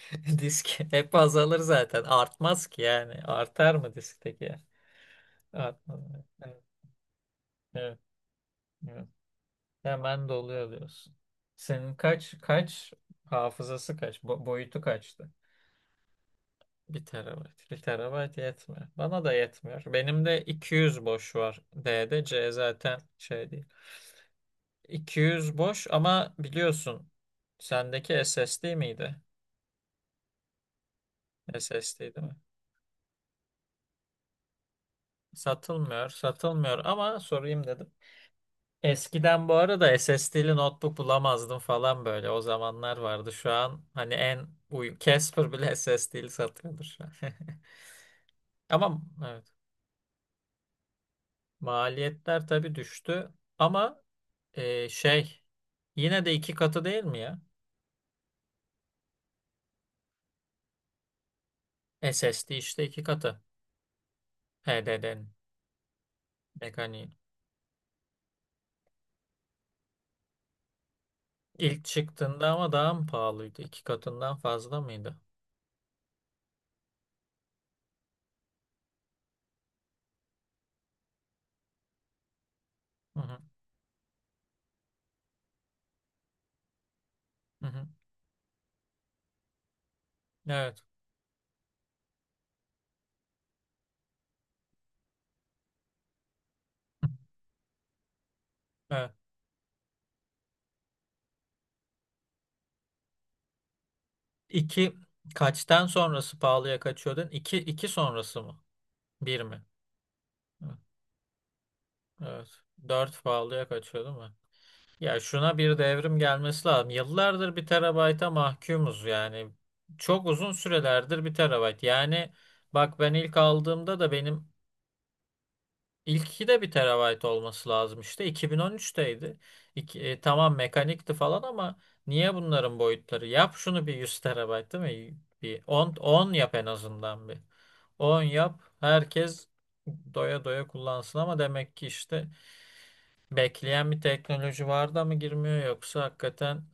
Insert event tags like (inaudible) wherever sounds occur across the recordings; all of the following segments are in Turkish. (laughs) Disk hep azalır zaten. Artmaz ki yani. Artar mı diskteki? Artmaz. Evet. Evet. Evet. Hemen doluyor diyorsun. Senin kaç hafızası kaç? Boyutu kaçtı? Bir terabayt. Bir terabayt yetmiyor. Bana da yetmiyor. Benim de 200 boş var. D'de C zaten şey değil. 200 boş ama biliyorsun sendeki SSD miydi? SSD değil mi? Satılmıyor, satılmıyor ama sorayım dedim. Eskiden bu arada S S SSD'li notebook bulamazdım falan böyle. O zamanlar vardı. Şu an hani en uy Casper bile (laughs) SSD'li satıyordur şu an. (laughs) Ama evet. Maliyetler tabii düştü. Ama e, şey yine de iki katı değil mi ya? S S D işte iki katı. H D HDD'nin mekaniği. İlk çıktığında ama daha mı pahalıydı? İki katından fazla mıydı? Hı hı, hı hı. Evet. (laughs) Evet. İki kaçtan sonrası pahalıya kaçıyordun? İki sonrası mı? Bir mi? Hı, evet. Dört pahalıya kaçıyor değil mi? Ya şuna bir devrim gelmesi lazım. Yıllardır bir terabayta mahkumuz yani. Çok uzun sürelerdir bir terabayt. Yani bak ben ilk aldığımda da benim ilki de bir terabayt olması lazım işte. 2013'teydi. Tamam mekanikti falan ama niye bunların boyutları? Yap şunu bir 100 terabayt değil mi? Bir on yap en azından bir. On yap. Herkes doya doya kullansın ama demek ki işte bekleyen bir teknoloji var da mı girmiyor yoksa hakikaten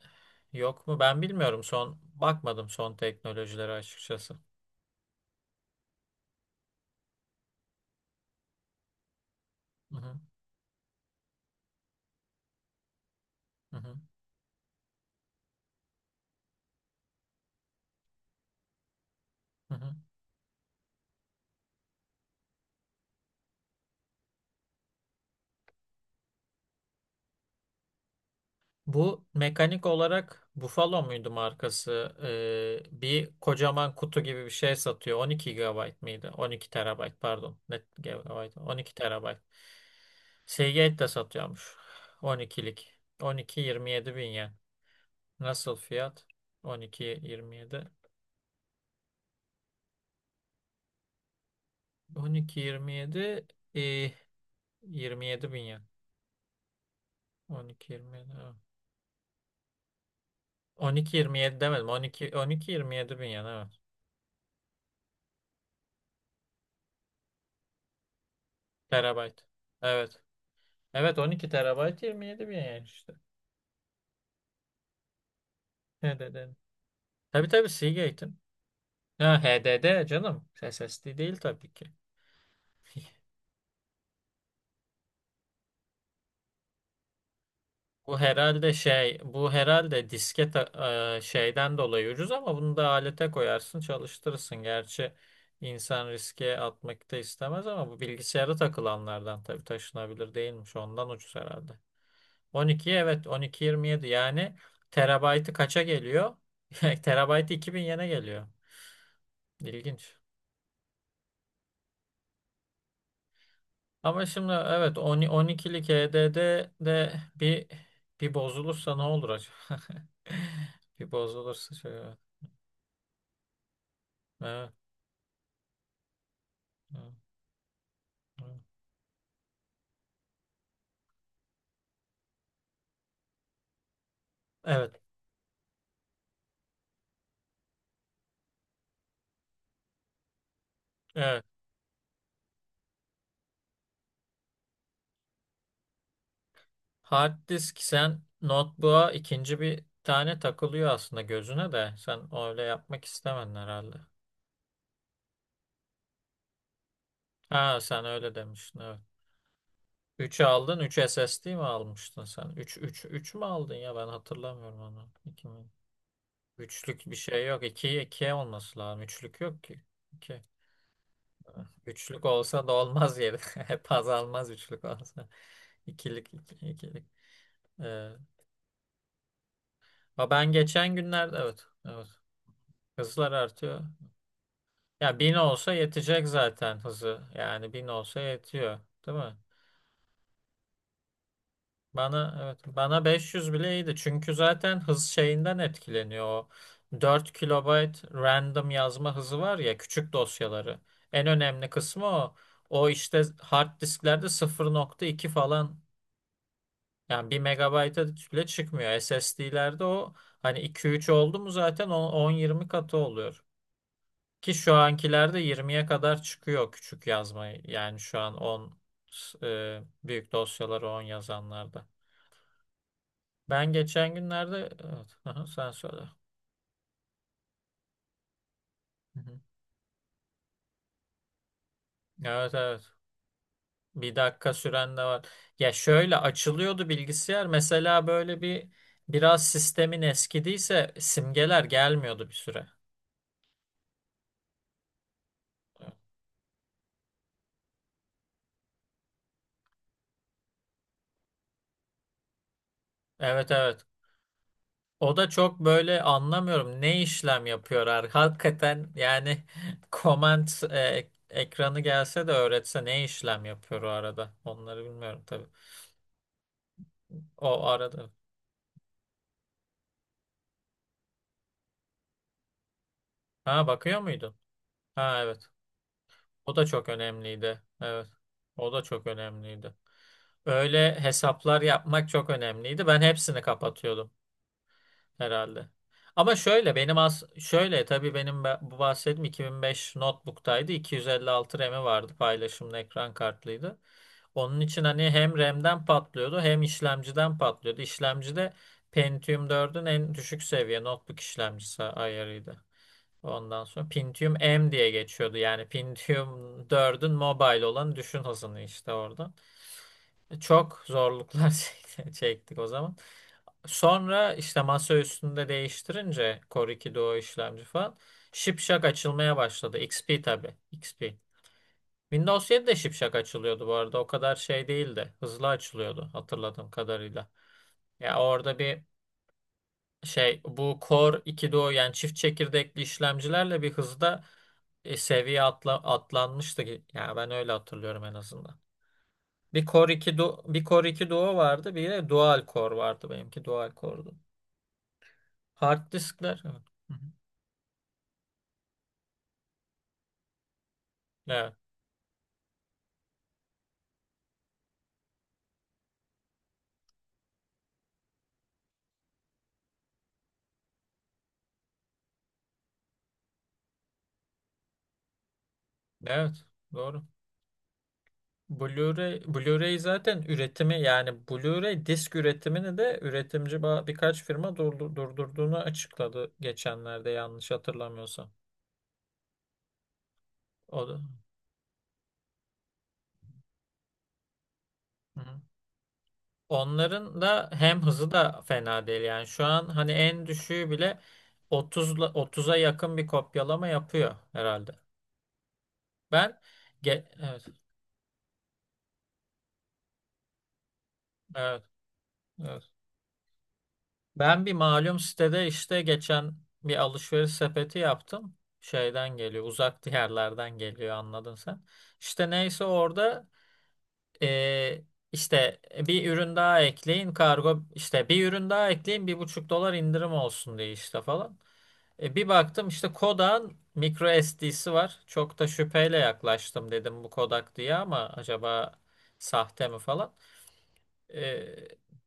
yok mu? Ben bilmiyorum son bakmadım son teknolojilere açıkçası. Hı hı, hı hı, hı hı. Bu mekanik olarak Buffalo muydu markası? Bir kocaman kutu gibi bir şey satıyor. 12 GB mıydı? 12 terabayt pardon. Ne GB? 12 terabayt. Seagate de satıyormuş. 12'lik. 12-27 bin yen. Nasıl fiyat? 12-27. 12 27 e, 27.000 yen. 12 27 evet. On iki yirmi yedi demedim. 12 27 bin yen evet. Terabayt. Evet. Evet 12 terabayt 27.000 yen işte. HDD. Tabii tabii Seagate'in. Ha HDD canım. SSD değil tabii ki. (laughs) Bu herhalde disket şeyden dolayı ucuz ama bunu da alete koyarsın, çalıştırırsın. Gerçi insan riske atmak da istemez ama bu bilgisayara takılanlardan tabii taşınabilir değilmiş. Ondan ucuz herhalde. 12 evet 12.27 yani terabaytı kaça geliyor? (laughs) Terabaytı 2000 yene geliyor. İlginç. Ama şimdi evet 10 12'lik HDD de bir bozulursa ne olur acaba? (laughs) Bir bozulursa şey evet. Evet. Hı, hı. Evet, evet. Hard disk sen notebook'a ikinci bir tane takılıyor aslında gözüne de. Sen öyle yapmak istemedin herhalde. Ha sen öyle demiştin evet. 3'ü aldın. 3 SSD mi almıştın sen? Üç mü aldın ya ben hatırlamıyorum onu. 2 mi? Üçlük bir şey yok. 2 olması lazım. Üçlük yok ki. 2. Üçlük olsa da olmaz yeri. (laughs) Hep azalmaz üçlük olsa. İkilik iki, ikilik. Ee, ama ben geçen günlerde evet. Evet. Hızlar artıyor. Ya bin olsa yetecek zaten hızı. Yani bin olsa yetiyor, değil mi? Bana evet bana 500 bile iyiydi. Çünkü zaten hız şeyinden etkileniyor o. 4 kilobayt random yazma hızı var ya küçük dosyaları. En önemli kısmı o. O işte hard disklerde 0,2 falan yani 1 megabayta bile çıkmıyor. SSD'lerde o hani 2-3 oldu mu zaten o 10-20 katı oluyor. Ki şu ankilerde 20'ye kadar çıkıyor küçük yazmayı. Yani şu an 10 büyük dosyaları 10 yazanlarda. Ben geçen günlerde evet, aha, sen söyle. Hı hı. Evet evet. Bir dakika süren de var. Ya şöyle açılıyordu bilgisayar. Mesela böyle bir biraz sistemin eskidiyse simgeler gelmiyordu bir süre. Evet evet. O da çok böyle anlamıyorum ne işlem yapıyorlar? Hakikaten yani (laughs) comment ekranı gelse de öğretse ne işlem yapıyor o arada onları bilmiyorum tabii. O arada ha bakıyor muydun? Ha evet o da çok önemliydi evet o da çok önemliydi. Öyle hesaplar yapmak çok önemliydi ben hepsini kapatıyordum herhalde. Ama şöyle benim şöyle tabii benim bu bahsettiğim 2005 notebook'taydı 256 RAM'i vardı paylaşımlı ekran kartlıydı. Onun için hani hem RAM'den patlıyordu hem işlemciden patlıyordu. İşlemci de Pentium 4'ün en düşük seviye notebook işlemcisi ayarıydı. Ondan sonra Pentium M diye geçiyordu. Yani Pentium 4'ün mobile olan düşün hızını işte orada. Çok zorluklar (laughs) çektik o zaman. Sonra işte masa üstünde değiştirince Core 2 Duo işlemci falan şipşak açılmaya başladı. XP tabii. XP. Windows 7 de şipşak açılıyordu bu arada. O kadar şey değildi. Hızlı açılıyordu hatırladığım kadarıyla. Ya orada bir şey bu Core 2 Duo yani çift çekirdekli işlemcilerle bir hızda seviye atlanmıştı. Yani ben öyle hatırlıyorum en azından. Bir Core 2 Duo, bir Core 2 Duo vardı, bir de Dual Core vardı benimki Dual Core'du. Hard diskler. Evet. Hı hı. Evet. Evet. Doğru. Blu-ray, Blu-ray zaten üretimi yani Blu-ray disk üretimini de üretimci birkaç firma durdurduğunu açıkladı geçenlerde yanlış hatırlamıyorsam. O da. Hı hı. Onların da hem hızı da fena değil yani şu an hani en düşüğü bile 30'la 30'a yakın bir kopyalama yapıyor herhalde. Ben evet evet evet. Ben bir malum sitede işte geçen bir alışveriş sepeti yaptım. Şeyden geliyor, uzak (laughs) diyarlardan geliyor anladın sen. İşte neyse orada eee, işte bir ürün daha ekleyin kargo işte bir ürün daha ekleyin 1,5 dolar indirim olsun diye işte falan. Bir baktım işte Kodak'ın micro SD'si var. Çok da şüpheyle yaklaştım dedim bu Kodak diye ama acaba sahte mi falan. Ee,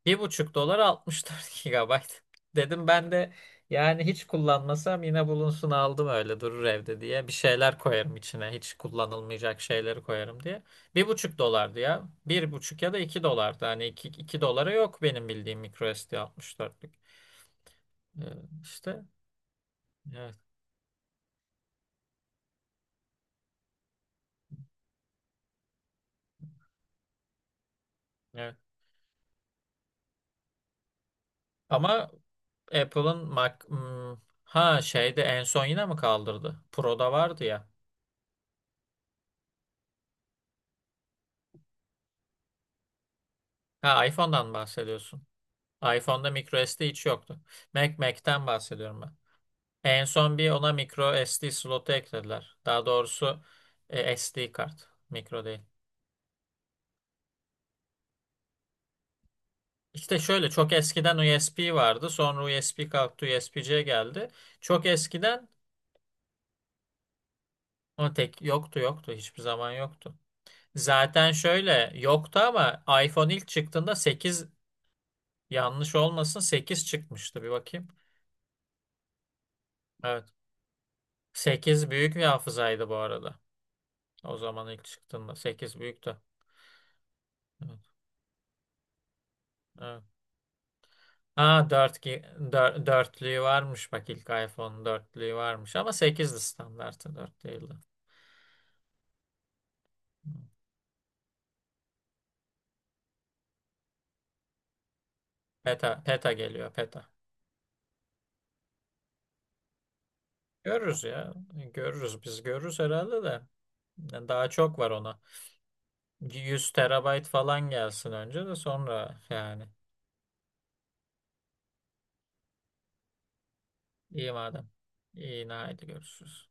bir buçuk dolar 64 gigabayt. (laughs) Dedim ben de yani hiç kullanmasam yine bulunsun aldım öyle durur evde diye. Bir şeyler koyarım içine hiç kullanılmayacak şeyleri koyarım diye. Bir buçuk dolardı ya. Bir buçuk ya da iki dolardı. Hani iki dolara yok benim bildiğim microSD 64'lük. Ee, işte evet, evet. Ama Apple'ın Mac ha şeyde en son yine mi kaldırdı? Pro'da vardı ya. Ha iPhone'dan bahsediyorsun. iPhone'da micro SD hiç yoktu. Mac'ten bahsediyorum ben. En son bir ona micro SD slotu eklediler. Daha doğrusu SD kart. Micro değil. İşte şöyle çok eskiden USB vardı. Sonra USB kalktı, USB-C geldi. Çok eskiden o tek yoktu yoktu. Hiçbir zaman yoktu. Zaten şöyle yoktu ama iPhone ilk çıktığında 8 yanlış olmasın 8 çıkmıştı. Bir bakayım. Evet. Sekiz büyük bir hafızaydı bu arada. O zaman ilk çıktığında 8 büyüktü. Evet. Ha dört, dörtlüğü varmış bak ilk iPhone'un dörtlüğü varmış ama 8'di standartı dört değildi. Hmm. Peta, peta geliyor peta. Görürüz ya görürüz biz görürüz herhalde de. Yani daha çok var ona. 100 terabayt falan gelsin önce de sonra yani. İyi madem. İyi haydi görüşürüz.